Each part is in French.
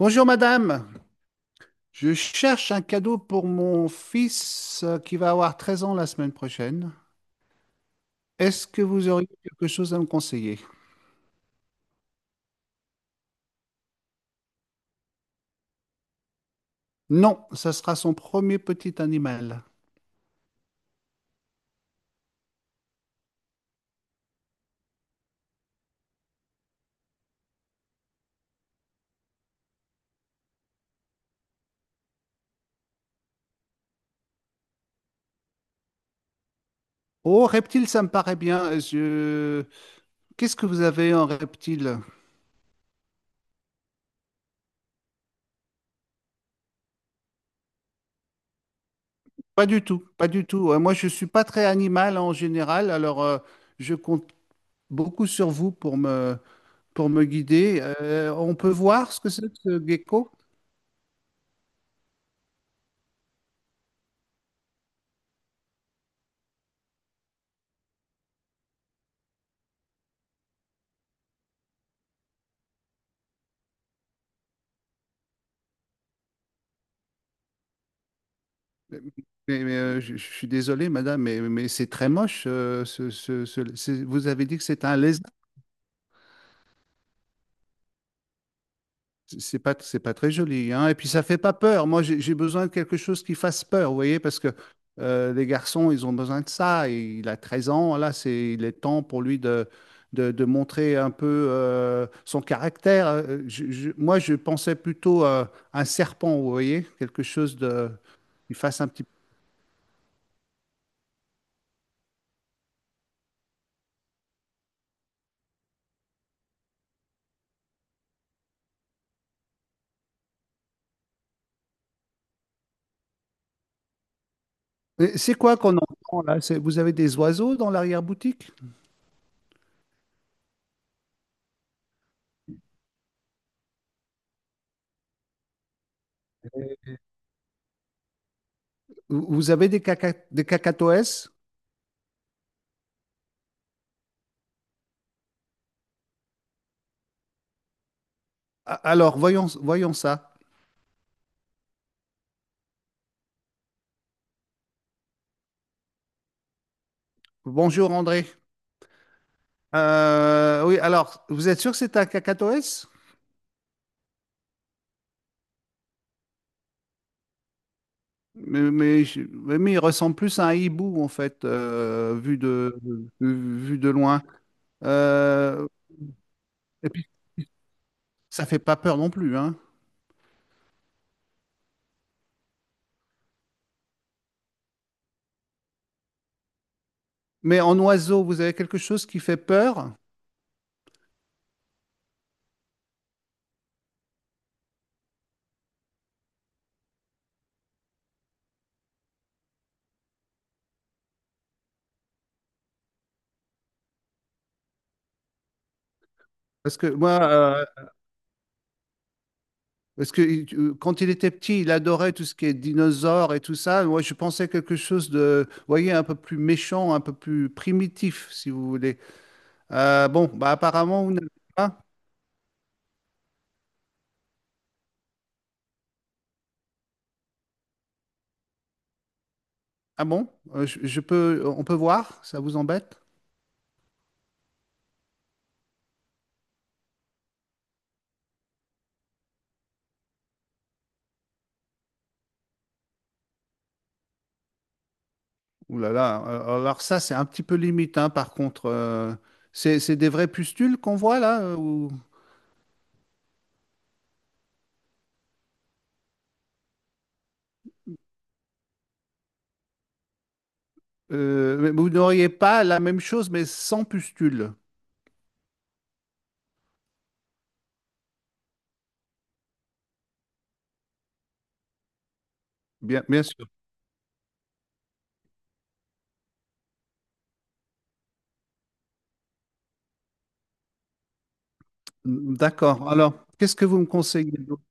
Bonjour madame, je cherche un cadeau pour mon fils qui va avoir 13 ans la semaine prochaine. Est-ce que vous auriez quelque chose à me conseiller? Non, ça sera son premier petit animal. Oh, reptile, ça me paraît bien. Qu'est-ce que vous avez en reptile? Pas du tout, pas du tout. Moi, je suis pas très animal en général, alors je compte beaucoup sur vous pour me guider. On peut voir ce que c'est que ce gecko? Mais, mais, je suis désolé, madame, mais c'est très moche. Vous avez dit que c'est un lézard. C'est pas très joli, hein. Et puis ça fait pas peur. Moi, j'ai besoin de quelque chose qui fasse peur, vous voyez, parce que les garçons, ils ont besoin de ça. Et il a 13 ans, là, il est temps pour lui de montrer un peu son caractère. Moi, je pensais plutôt à un serpent, vous voyez, quelque chose qui fasse un petit. Et c'est quoi qu'on entend là? Vous avez des oiseaux dans l'arrière-boutique? Vous avez des cacatoès? Alors, voyons, voyons ça. Bonjour André. Oui, alors, vous êtes sûr que c'est un cacatoès? Mais il ressemble plus à un hibou en fait, vu de loin. Euh, et puis, ça fait pas peur non plus, hein. Mais en oiseau, vous avez quelque chose qui fait peur? Parce que moi, euh, Parce que il- quand il était petit, il adorait tout ce qui est dinosaures et tout ça. Moi, je pensais quelque chose de, vous voyez, un peu plus méchant, un peu plus primitif, si vous voulez. Bon, bah apparemment, vous n'avez pas. Ah bon? On peut voir? Ça vous embête? Ouh là là. Alors ça, c'est un petit peu limite, hein, par contre. C'est des vrais pustules qu'on voit là? Mais vous n'auriez pas la même chose, mais sans pustules. Bien sûr. D'accord. Alors, qu'est-ce que vous me conseillez d'autre?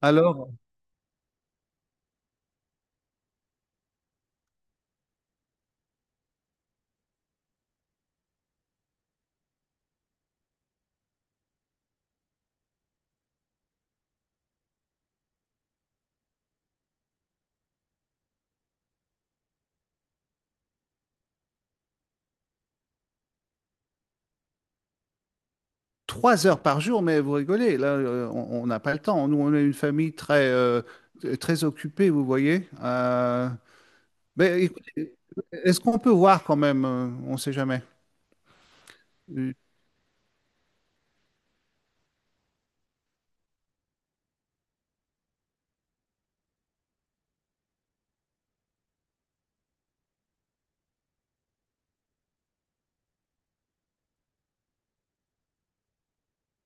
Alors. 3 heures par jour, mais vous rigolez, là, on n'a pas le temps. Nous, on est une famille très occupée, vous voyez. Mais écoutez, est-ce qu'on peut voir quand même? On ne sait jamais.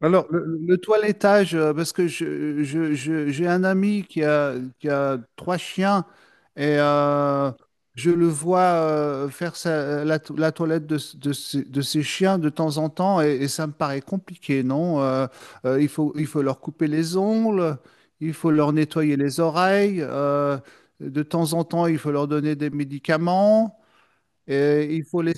Alors, le toilettage, parce que j'ai un ami qui a trois chiens et je le vois faire la toilette de ses chiens de temps en temps et ça me paraît compliqué, non? Il faut, il faut leur couper les ongles, il faut leur nettoyer les oreilles, de temps en temps, il faut leur donner des médicaments et il faut les...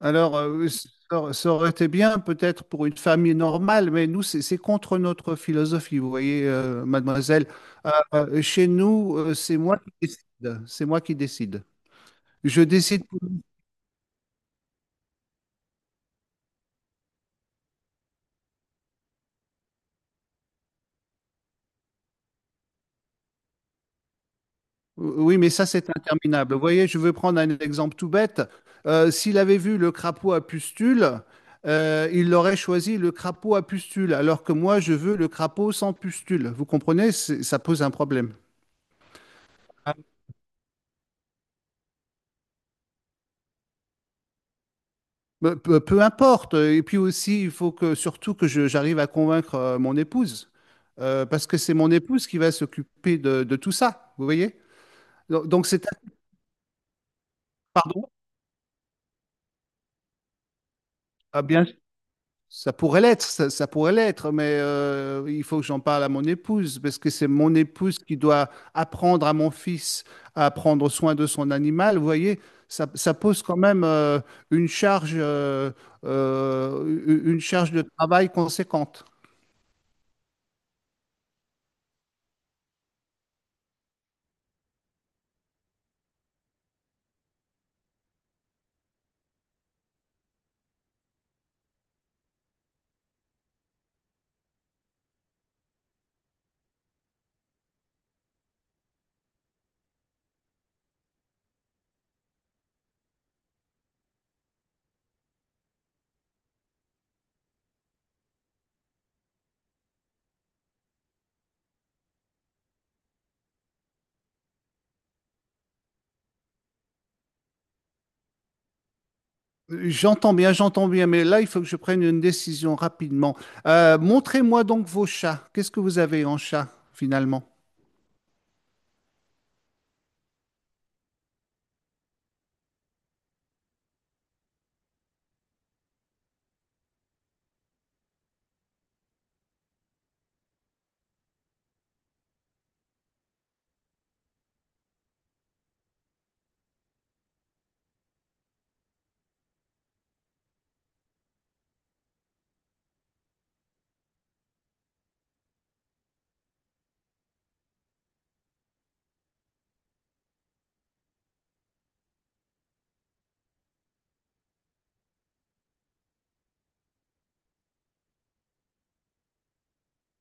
Alors, oui, ça aurait été bien peut-être pour une famille normale, mais nous, c'est contre notre philosophie, vous voyez, mademoiselle. Chez nous, c'est moi qui décide. C'est moi qui décide. Je décide. Oui, mais ça, c'est interminable. Vous voyez, je veux prendre un exemple tout bête. S'il avait vu le crapaud à pustules, il aurait choisi le crapaud à pustules, alors que moi, je veux le crapaud sans pustules. Vous comprenez? Ça pose un problème. Peu importe. Et puis aussi, il faut que surtout que j'arrive à convaincre mon épouse. Parce que c'est mon épouse qui va s'occuper de tout ça. Vous voyez? Donc c'est, pardon. Ah, bien, ça pourrait l'être, ça pourrait l'être, mais il faut que j'en parle à mon épouse, parce que c'est mon épouse qui doit apprendre à mon fils à prendre soin de son animal. Vous voyez? Ça pose quand même une charge, euh, une charge de travail conséquente. J'entends bien, mais là, il faut que je prenne une décision rapidement. Montrez-moi donc vos chats. Qu'est-ce que vous avez en chat, finalement?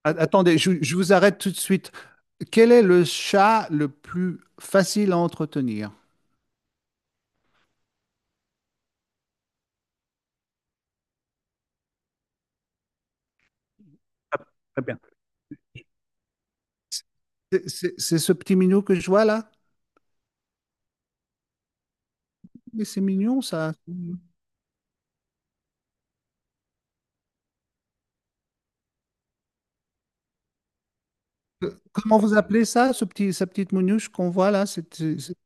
Attendez, je vous arrête tout de suite. Quel est le chat le plus facile à entretenir? C'est ce petit minou que je vois là? Mais c'est mignon, ça. Comment vous appelez ça, sa petite mounouche qu'on voit là? C'est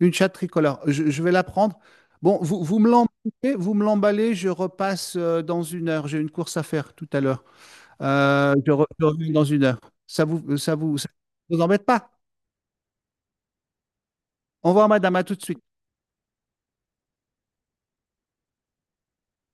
une chatte tricolore. Je vais la prendre. Bon, vous me l'emballez, vous me l'emballez, je repasse dans 1 heure. J'ai une course à faire tout à l'heure. Je reviens dans 1 heure. Ça vous embête pas? Au revoir, madame, à tout de suite.